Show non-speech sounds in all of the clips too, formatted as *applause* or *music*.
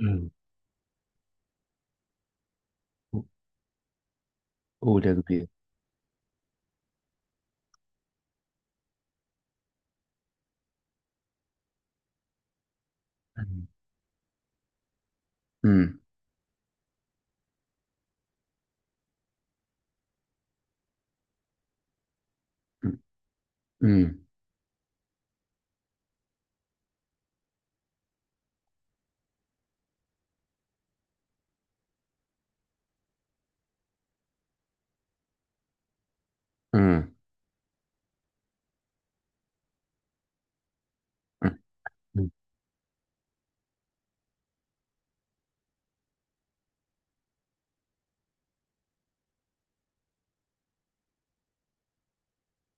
أمم. أولى كبيرة. أمم. أمم. أمم. أمم.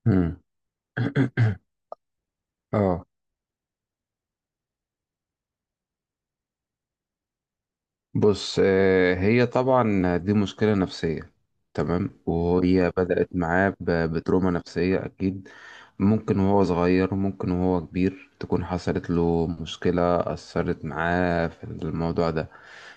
أمم. آه. بص، هي طبعا دي مشكلة نفسية. تمام، وهي بدأت معاه بتروما نفسية أكيد. ممكن وهو صغير، ممكن وهو كبير، تكون حصلت له مشكلة أثرت معاه في الموضوع ده.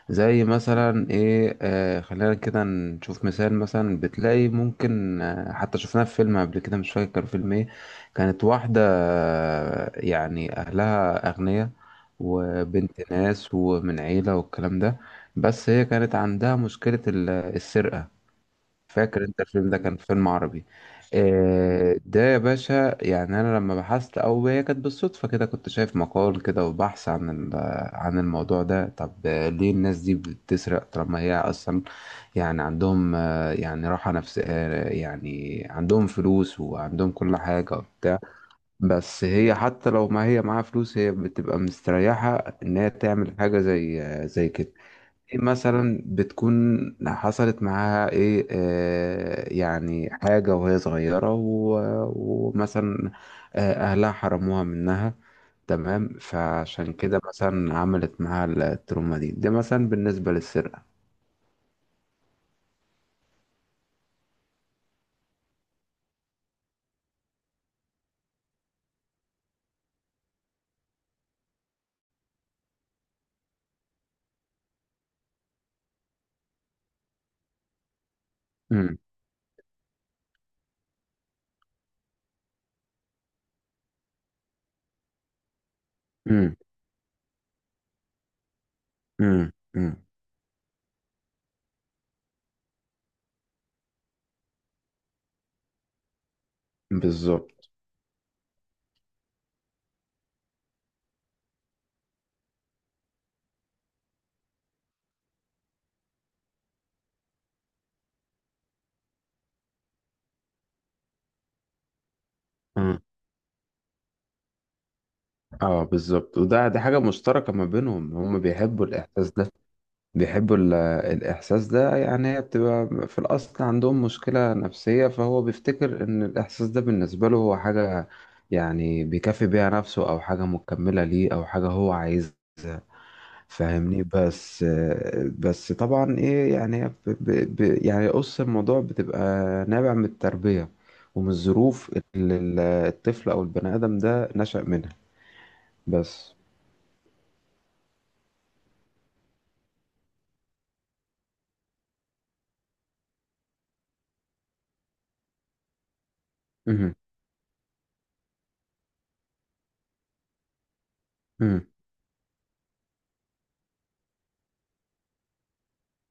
زي مثلا ايه، خلينا كده نشوف مثال. مثلا بتلاقي ممكن، حتى شفناه في فيلم قبل كده، مش فاكر كان فيلم ايه. كانت واحدة، يعني أهلها أغنياء وبنت ناس ومن عيلة والكلام ده، بس هي كانت عندها مشكلة السرقة. فاكر انت الفيلم ده؟ كان فيلم عربي. ده يا باشا، يعني انا لما بحثت، او هي كانت بالصدفه كده كنت شايف مقال كده وبحث عن عن الموضوع ده. طب ليه الناس دي بتسرق طالما هي اصلا يعني عندهم، يعني راحه نفسيه، يعني عندهم فلوس وعندهم كل حاجه وبتاع. بس هي حتى لو ما هي معاها فلوس، هي بتبقى مستريحه ان هي تعمل حاجه زي زي كده. إيه مثلا؟ بتكون حصلت معاها ايه، يعني حاجة وهي صغيرة ومثلا اهلها حرموها منها. تمام، فعشان كده مثلا عملت معاها التروما دي. ده مثلا بالنسبة للسرقة. امم. امم. امم. امم. بالظبط. امم. اه بالظبط. وده دي حاجة مشتركة ما بينهم، هم بيحبوا الإحساس ده. بيحبوا الإحساس ده يعني. هي بتبقى في الأصل عندهم مشكلة نفسية، فهو بيفتكر إن الإحساس ده بالنسبة له هو حاجة، يعني بيكافئ بيها نفسه أو حاجة مكملة ليه أو حاجة هو عايزها، فاهمني؟ بس طبعا إيه يعني، هي ب ب ب يعني قص الموضوع بتبقى نابع من التربية ومن الظروف اللي الطفل أو البني آدم ده نشأ منها. بس. مهم. مهم.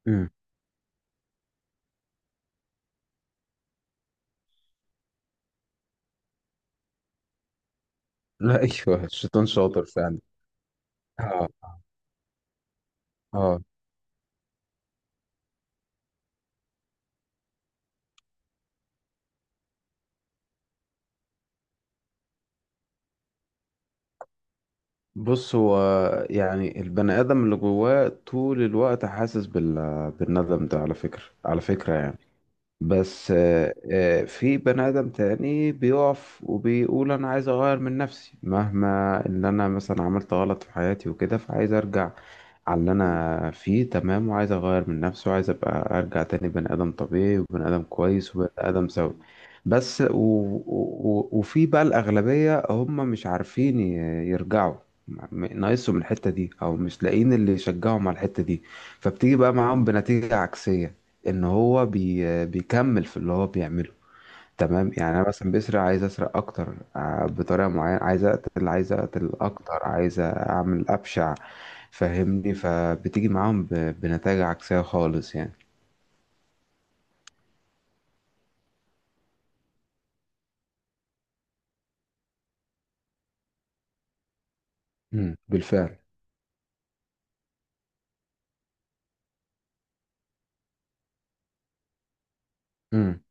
مهم. لا *laughs* أيوه الشيطان شاطر فعلا. اه. اه. بص هو، يعني البني آدم اللي جواه طول الوقت حاسس بالندم ده، على فكرة على فكرة يعني. بس في بني آدم تاني بيقف وبيقول أنا عايز أغير من نفسي، مهما إن أنا مثلا عملت غلط في حياتي وكده، فعايز أرجع على اللي أنا فيه. تمام، وعايز أغير من نفسي وعايز أبقى أرجع تاني بني آدم طبيعي وبني آدم كويس وبني آدم سوي. بس وفي بقى الأغلبية هم مش عارفين يرجعوا. ناقصهم الحتة دي، أو مش لاقيين اللي يشجعهم على الحتة دي، فبتيجي بقى معاهم بنتيجة عكسية، ان هو بيكمل في اللي هو بيعمله. تمام، يعني انا مثلا بسرق عايز اسرق اكتر، بطريقه معينه، عايز اقتل، عايز اقتل اكتر، عايز اعمل ابشع، فاهمني؟ فبتيجي معاهم بنتائج عكسيه خالص يعني. بالفعل. امم.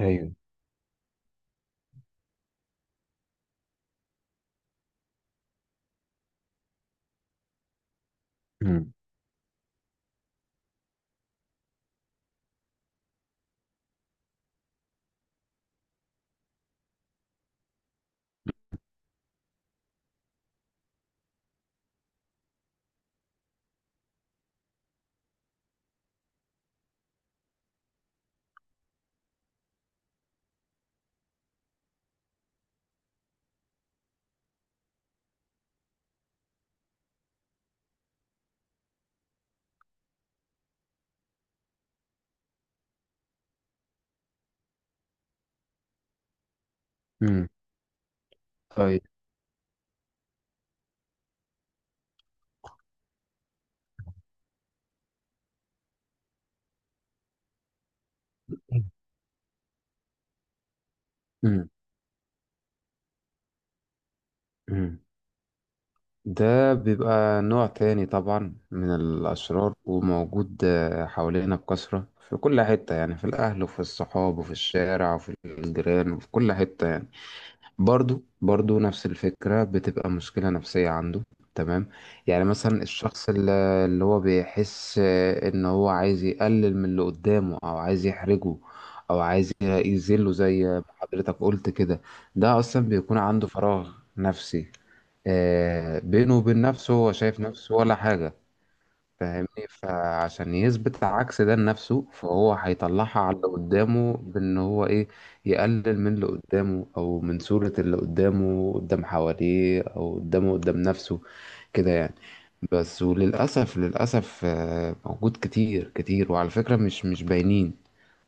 ايوه. امم. امم. طيب. امم. امم. ده بيبقى نوع تاني طبعا من الأشرار، وموجود حوالينا بكثرة في كل حتة يعني، في الأهل وفي الصحاب وفي الشارع وفي الجيران وفي كل حتة يعني. برضو برضو نفس الفكرة، بتبقى مشكلة نفسية عنده. تمام. يعني مثلا الشخص اللي هو بيحس ان هو عايز يقلل من اللي قدامه، او عايز يحرجه، او عايز يذله زي ما حضرتك قلت كده. ده اصلا بيكون عنده فراغ نفسي، بينه وبين نفسه، هو شايف نفسه ولا حاجة، فاهمني؟ فعشان يثبت عكس ده لنفسه، فهو هيطلعها على اللي قدامه بان هو ايه، يقلل من اللي قدامه او من صورة اللي قدامه قدام حواليه، او قدامه قدام نفسه كده يعني. بس وللأسف للأسف موجود كتير كتير، وعلى فكرة مش باينين،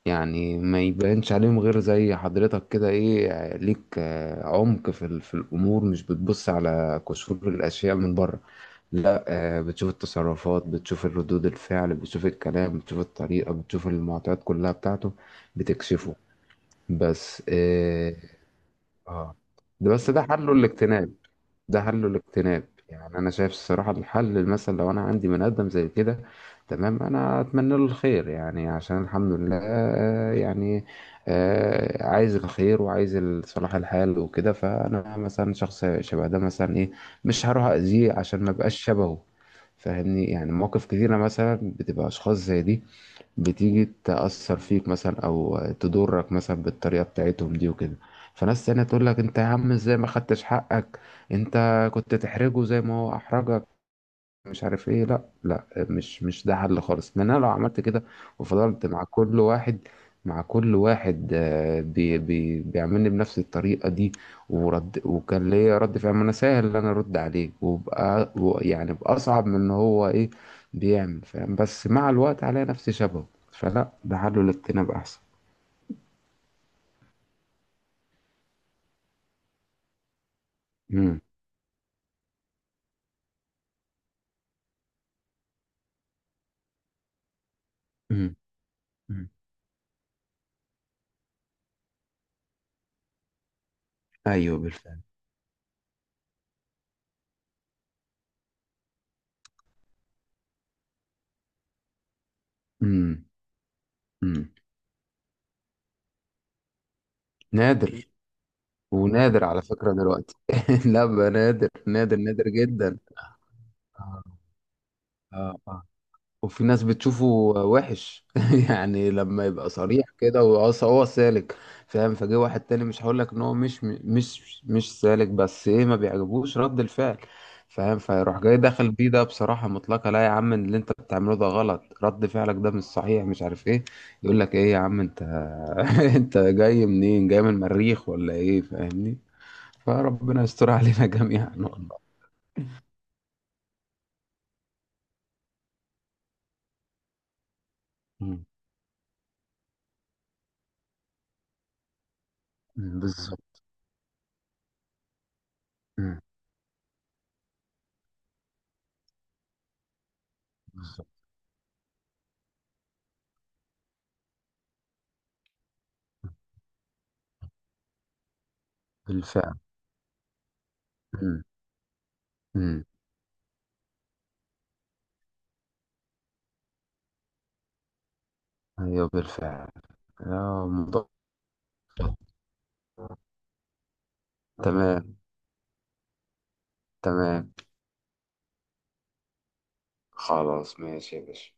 يعني ما يبانش عليهم غير زي حضرتك كده، ايه ليك عمق في في الأمور، مش بتبص على قشور الأشياء من بره. لا، بتشوف التصرفات، بتشوف الردود الفعل، بتشوف الكلام، بتشوف الطريقة، بتشوف المعطيات كلها بتاعته، بتكشفه. بس اه. آه. ده، بس ده حله الاجتناب. ده حل الاجتناب يعني. انا شايف الصراحه الحل، مثلا لو انا عندي من ادم زي كده، تمام انا اتمنى له الخير يعني. عشان الحمد لله يعني عايز الخير وعايز صلاح الحال وكده، فانا مثلا شخص شبه ده مثلا ايه، مش هروح اذيه عشان ما بقاش شبهه، فاهمني؟ يعني مواقف كتيره مثلا بتبقى اشخاص زي دي بتيجي تأثر فيك مثلا أو تضرك مثلا بالطريقة بتاعتهم دي وكده، فناس تانية تقول لك أنت يا عم إزاي ما خدتش حقك، أنت كنت تحرجه زي ما هو أحرجك، مش عارف ايه. لا لا، مش ده حل خالص، لان انا لو عملت كده وفضلت مع كل واحد، مع كل واحد بي بي بيعملني بنفس الطريقة دي، ورد وكان ليا رد فعل، ما انا سهل ان انا ارد عليه وبقى يعني باصعب من ان هو ايه بيعمل، فاهم؟ بس مع الوقت عليا نفسي شبهه، فلا ده حله الاجتناب احسن. امم. امم. ايوه بالفعل. امم. امم. نادر. ونادر على فكرة دلوقتي. *laughs* لا بقى، نادر نادر نادر جدا. آه. آه. آه. وفي ناس بتشوفه وحش *laughs* يعني لما يبقى صريح كده هو سالك فاهم. فجه واحد تاني، مش هقول لك ان هو مش سالك، بس ايه ما بيعجبوش رد الفعل، فاهم؟ فيروح جاي داخل بيه ده بصراحة مطلقة، لا يا عم اللي انت بتعمله ده غلط، رد فعلك ده مش صحيح، مش عارف ايه. يقول لك ايه يا عم انت، *laughs* انت جاي منين؟ جاي من المريخ ولا ايه؟ فاهمني؟ فربنا يستر علينا جميعا *laughs* والله. مم. مم. بالظبط. مم. بالظبط. بالفعل. مم. مم. ايوه بالفعل. يا موضوع. تمام. تمام. خلاص، ماشي يا باشا.